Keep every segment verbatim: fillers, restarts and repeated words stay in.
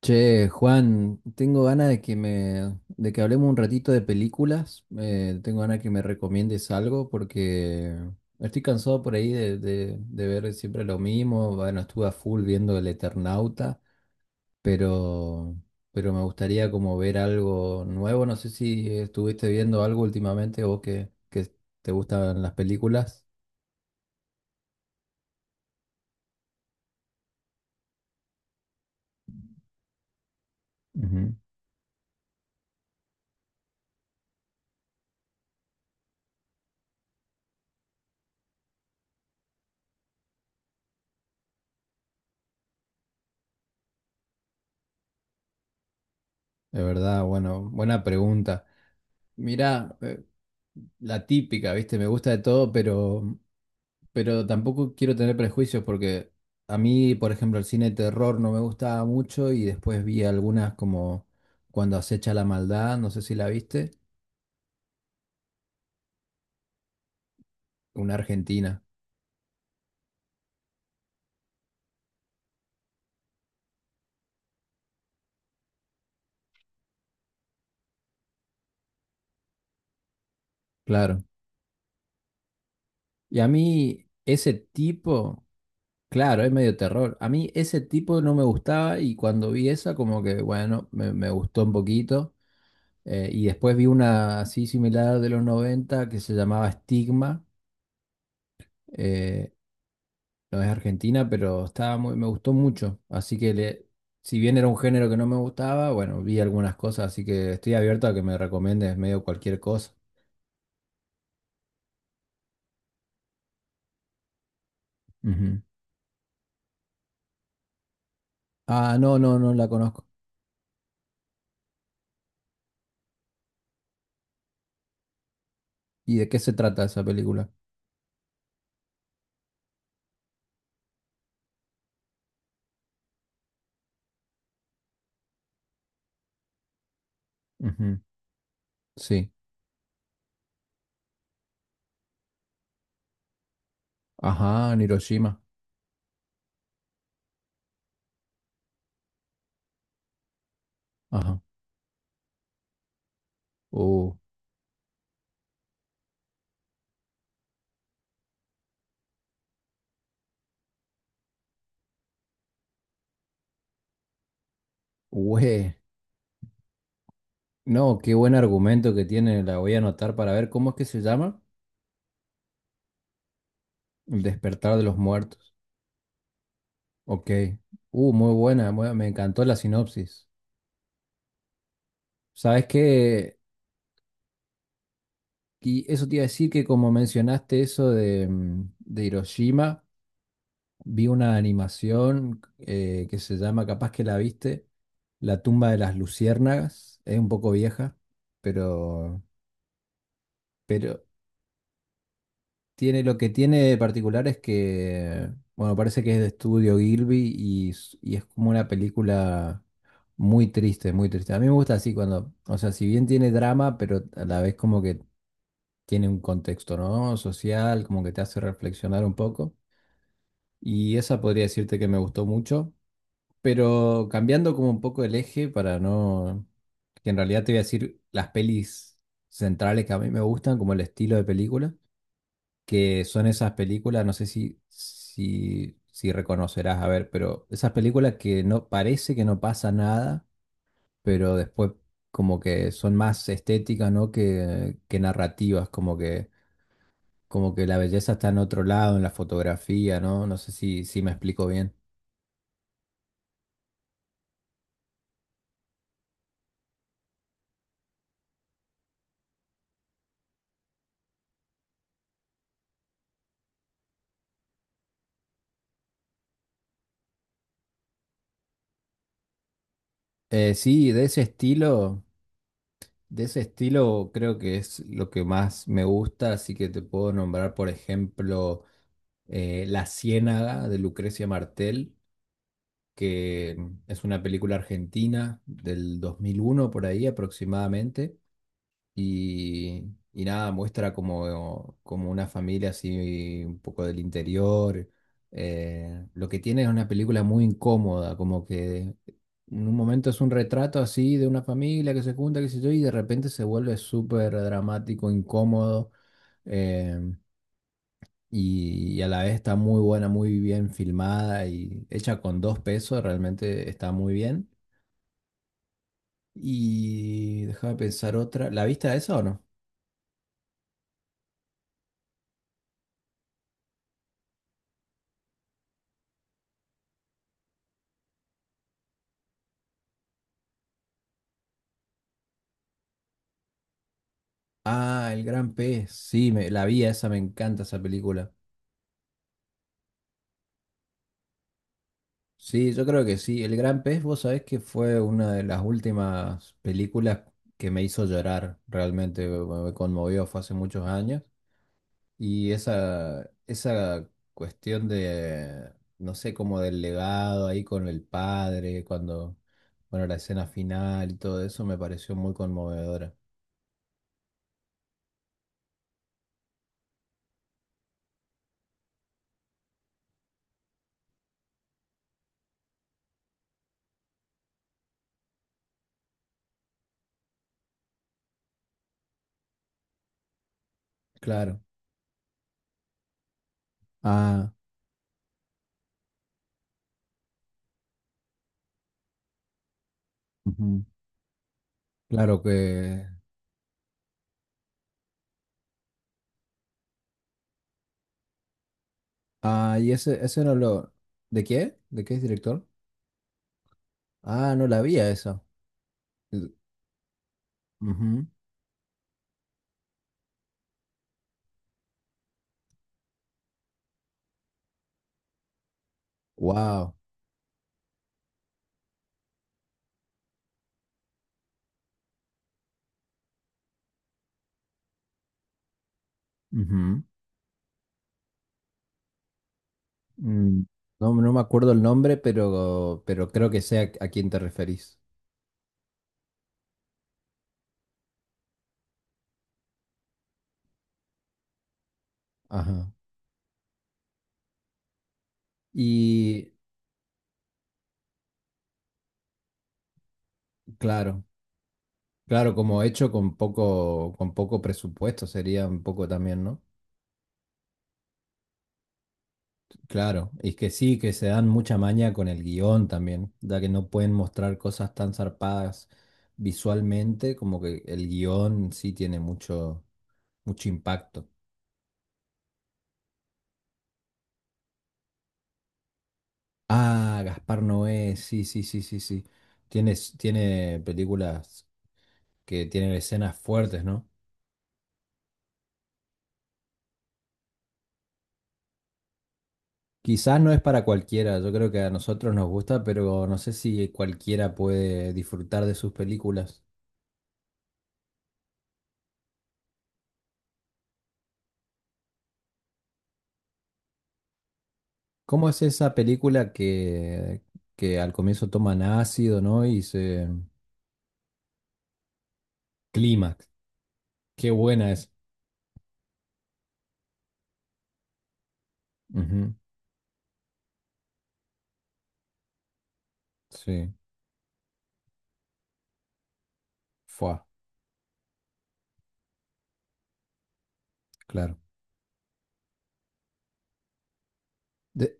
Che, Juan, tengo ganas de que me, de que hablemos un ratito de películas. Eh, tengo ganas de que me recomiendes algo porque estoy cansado por ahí de, de- de ver siempre lo mismo. Bueno, estuve a full viendo El Eternauta, pero, pero me gustaría como ver algo nuevo. No sé si estuviste viendo algo últimamente o que, que te gustan las películas. Ujú. De verdad, bueno, buena pregunta. Mirá, eh, la típica, ¿viste? Me gusta de todo, pero, pero tampoco quiero tener prejuicios porque a mí, por ejemplo, el cine de terror no me gustaba mucho y después vi algunas como Cuando acecha la maldad, no sé si la viste, una argentina, claro. Y a mí ese tipo, claro, es medio terror, a mí ese tipo no me gustaba y cuando vi esa como que, bueno, me, me gustó un poquito. Eh, y después vi una así similar de los noventa que se llamaba Estigma. eh, no es argentina, pero estaba muy, me gustó mucho. Así que le- si bien era un género que no me gustaba, bueno, vi algunas cosas, así que estoy abierto a que me recomiendes medio cualquier cosa. Ujú. Ah, no, no, no la conozco. ¿Y de qué se trata esa película? Ujú. Sí. Ajá, en Hiroshima. Ajá. Uh, güey. No, qué buen argumento que tiene. La voy a anotar para ver cómo es que se llama. El despertar de los muertos. Ok. Uh, muy buena, bu- me encantó la sinopsis. ¿Sabes qué? Y eso te iba a decir que como mencionaste eso de, mm, de Hiroshima, vi una animación eh, que se llama, capaz que la viste, La tumba de las luciérnagas. Es un poco vieja, pero, pero Tiene, lo que tiene de particular es que, bueno, parece que es de estudio Gilby y, s- y es como una película muy triste, muy triste. A mí me gusta así cuando, o sea, si bien tiene drama, pero a la vez como que tiene un contexto, ¿no? Social, como que te hace reflexionar un poco. Y esa podría decirte que me gustó mucho, pero cambiando como un poco el eje para no, que en realidad te voy a decir las pelis centrales que a mí me gustan, como el estilo de película que son esas películas, no sé si, si, si reconocerás, a ver, pero esas películas que no parece que no pasa nada, pero después como que son más estéticas, ¿no? que, que narrativas, como que, como que la belleza está en otro lado, en la fotografía, ¿no? No sé si, si me explico bien. Eh, sí, de ese estilo, de ese estilo creo que es lo que más me gusta, así que te puedo nombrar, por ejemplo, eh, La Ciénaga de Lucrecia Martel que es una película argentina del dos mil uno por ahí aproximadamente. Y, y nada, muestra como, como una familia así un poco del interior. Eh, lo que tiene es una película muy incómoda, como que en un momento es un retrato así de una familia que se junta, qué sé yo, y de repente se vuelve súper dramático, incómodo. Em, y, y a la vez está muy buena, muy bien filmada y hecha con dos pesos, realmente está muy bien. Y déjame pensar otra. ¿La viste a esa o no? Ah, El Gran Pez. Sí, me, la vi a esa, me encanta esa película. Sí, yo creo que sí. El Gran Pez, vos sabés que fue una de las últimas películas que me hizo llorar realmente, me me conmovió, fue hace muchos años. Y esa, esa cuestión de, no sé, como del legado ahí con el padre, cuando, bueno, la escena final y todo eso me pareció muy conmovedora. Claro. Ah, ujú. Claro que... Ah, y ese, ese no lo... ¿De qué? ¿De qué es director? Ah, no la vi a esa. Wow. No, no me acuerdo el nombre, pero, pero creo que sé a, a quién te referís. Ajá. Y claro. Claro, como hecho con poco, con poco presupuesto sería un poco también, ¿no? Claro, y que sí, que se dan mucha maña con el guión también, ya que no pueden mostrar cosas tan zarpadas visualmente, como que el guión sí tiene mucho, mucho impacto. Ah, Gaspar Noé, sí, sí, sí, sí, sí. Tiene, tiene películas que tienen escenas fuertes, ¿no? Quizás no es para cualquiera, yo creo que a nosotros nos gusta, pero no sé si cualquiera puede disfrutar de sus películas. ¿Cómo es esa película que, que al comienzo toman ácido, ¿no? Y se... Clímax. Qué buena es. Ujú. Sí. Fue, claro. De-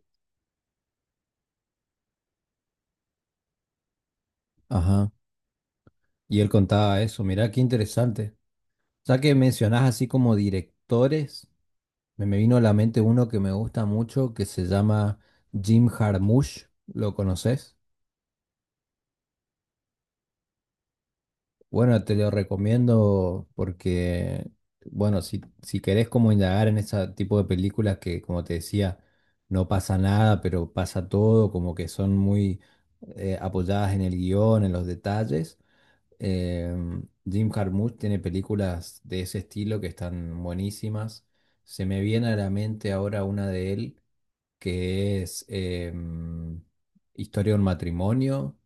Ajá. Y él contaba eso. Mirá, qué interesante. Ya que mencionás así como directores, me, me vino a la mente uno que me gusta mucho que se llama Jim Jarmusch. ¿Lo conoces? Bueno, te lo recomiendo porque, bueno, si, si querés como indagar en ese tipo de películas que, como te decía, no pasa nada, pero pasa todo, como que son muy eh, apoyadas en el guión, en los detalles. eh, Jim Jarmusch tiene películas de ese estilo que están buenísimas. Se me viene a la mente ahora una de él que es em, Historia de un matrimonio,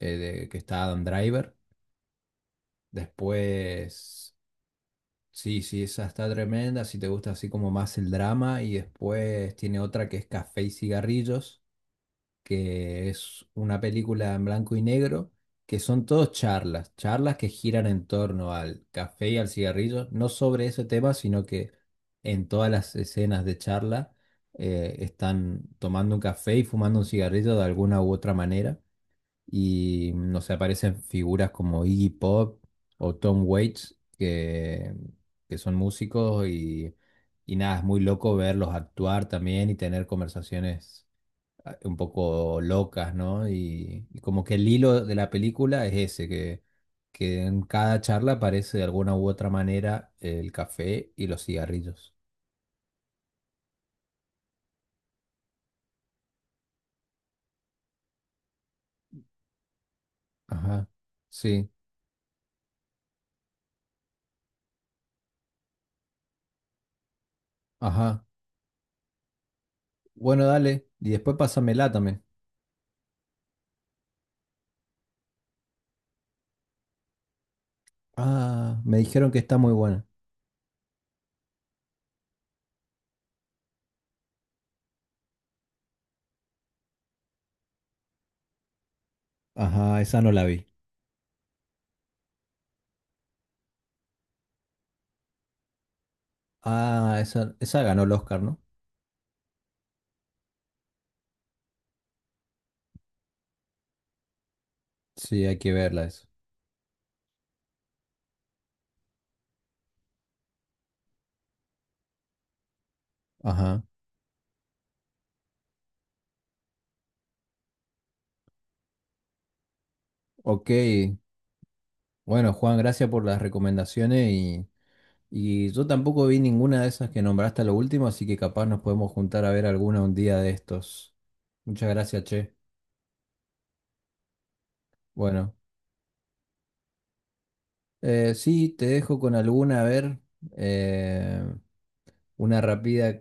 eh, de- que está Adam Driver. Después sí, sí, esa está tremenda, si te gusta así como más el drama y después tiene otra que es Café y Cigarrillos, que es una película en blanco y negro, que son todos charlas, charlas que giran en torno al café y al cigarrillo, no sobre ese tema, sino que en todas las escenas de charla eh, están tomando un café y fumando un cigarrillo de alguna u otra manera. Y no sé, aparecen figuras como Iggy Pop o Tom Waits, que, que son músicos y, y nada, es muy loco verlos actuar también y tener conversaciones ah, un poco locas, ¿no? Y, y como que el hilo de la película es ese, que, que en cada charla aparece de alguna u otra manera el café y los cigarrillos. Ajá, sí, ajá. Bueno, dale, y después pásamela también. Ah, me dijeron que está muy buena. Ajá, esa no la vi. Ah, esa, esa ganó el Oscar, ¿no? Sí, hay que verla eso. Ajá. Ok. Bueno, Juan, gracias por las recomendaciones y, y yo tampoco vi ninguna de esas que nombraste a lo último, así que capaz nos podemos juntar a ver alguna un día de estos. Muchas gracias, che. Bueno, eh, sí, te dejo con alguna, a ver, eh, una rápida.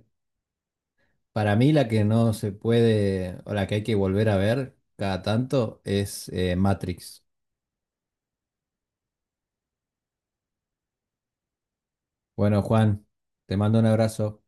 Para mí la que no se puede, o la que hay que volver a ver cada tanto es eh, Matrix. Bueno, Juan, te mando un abrazo.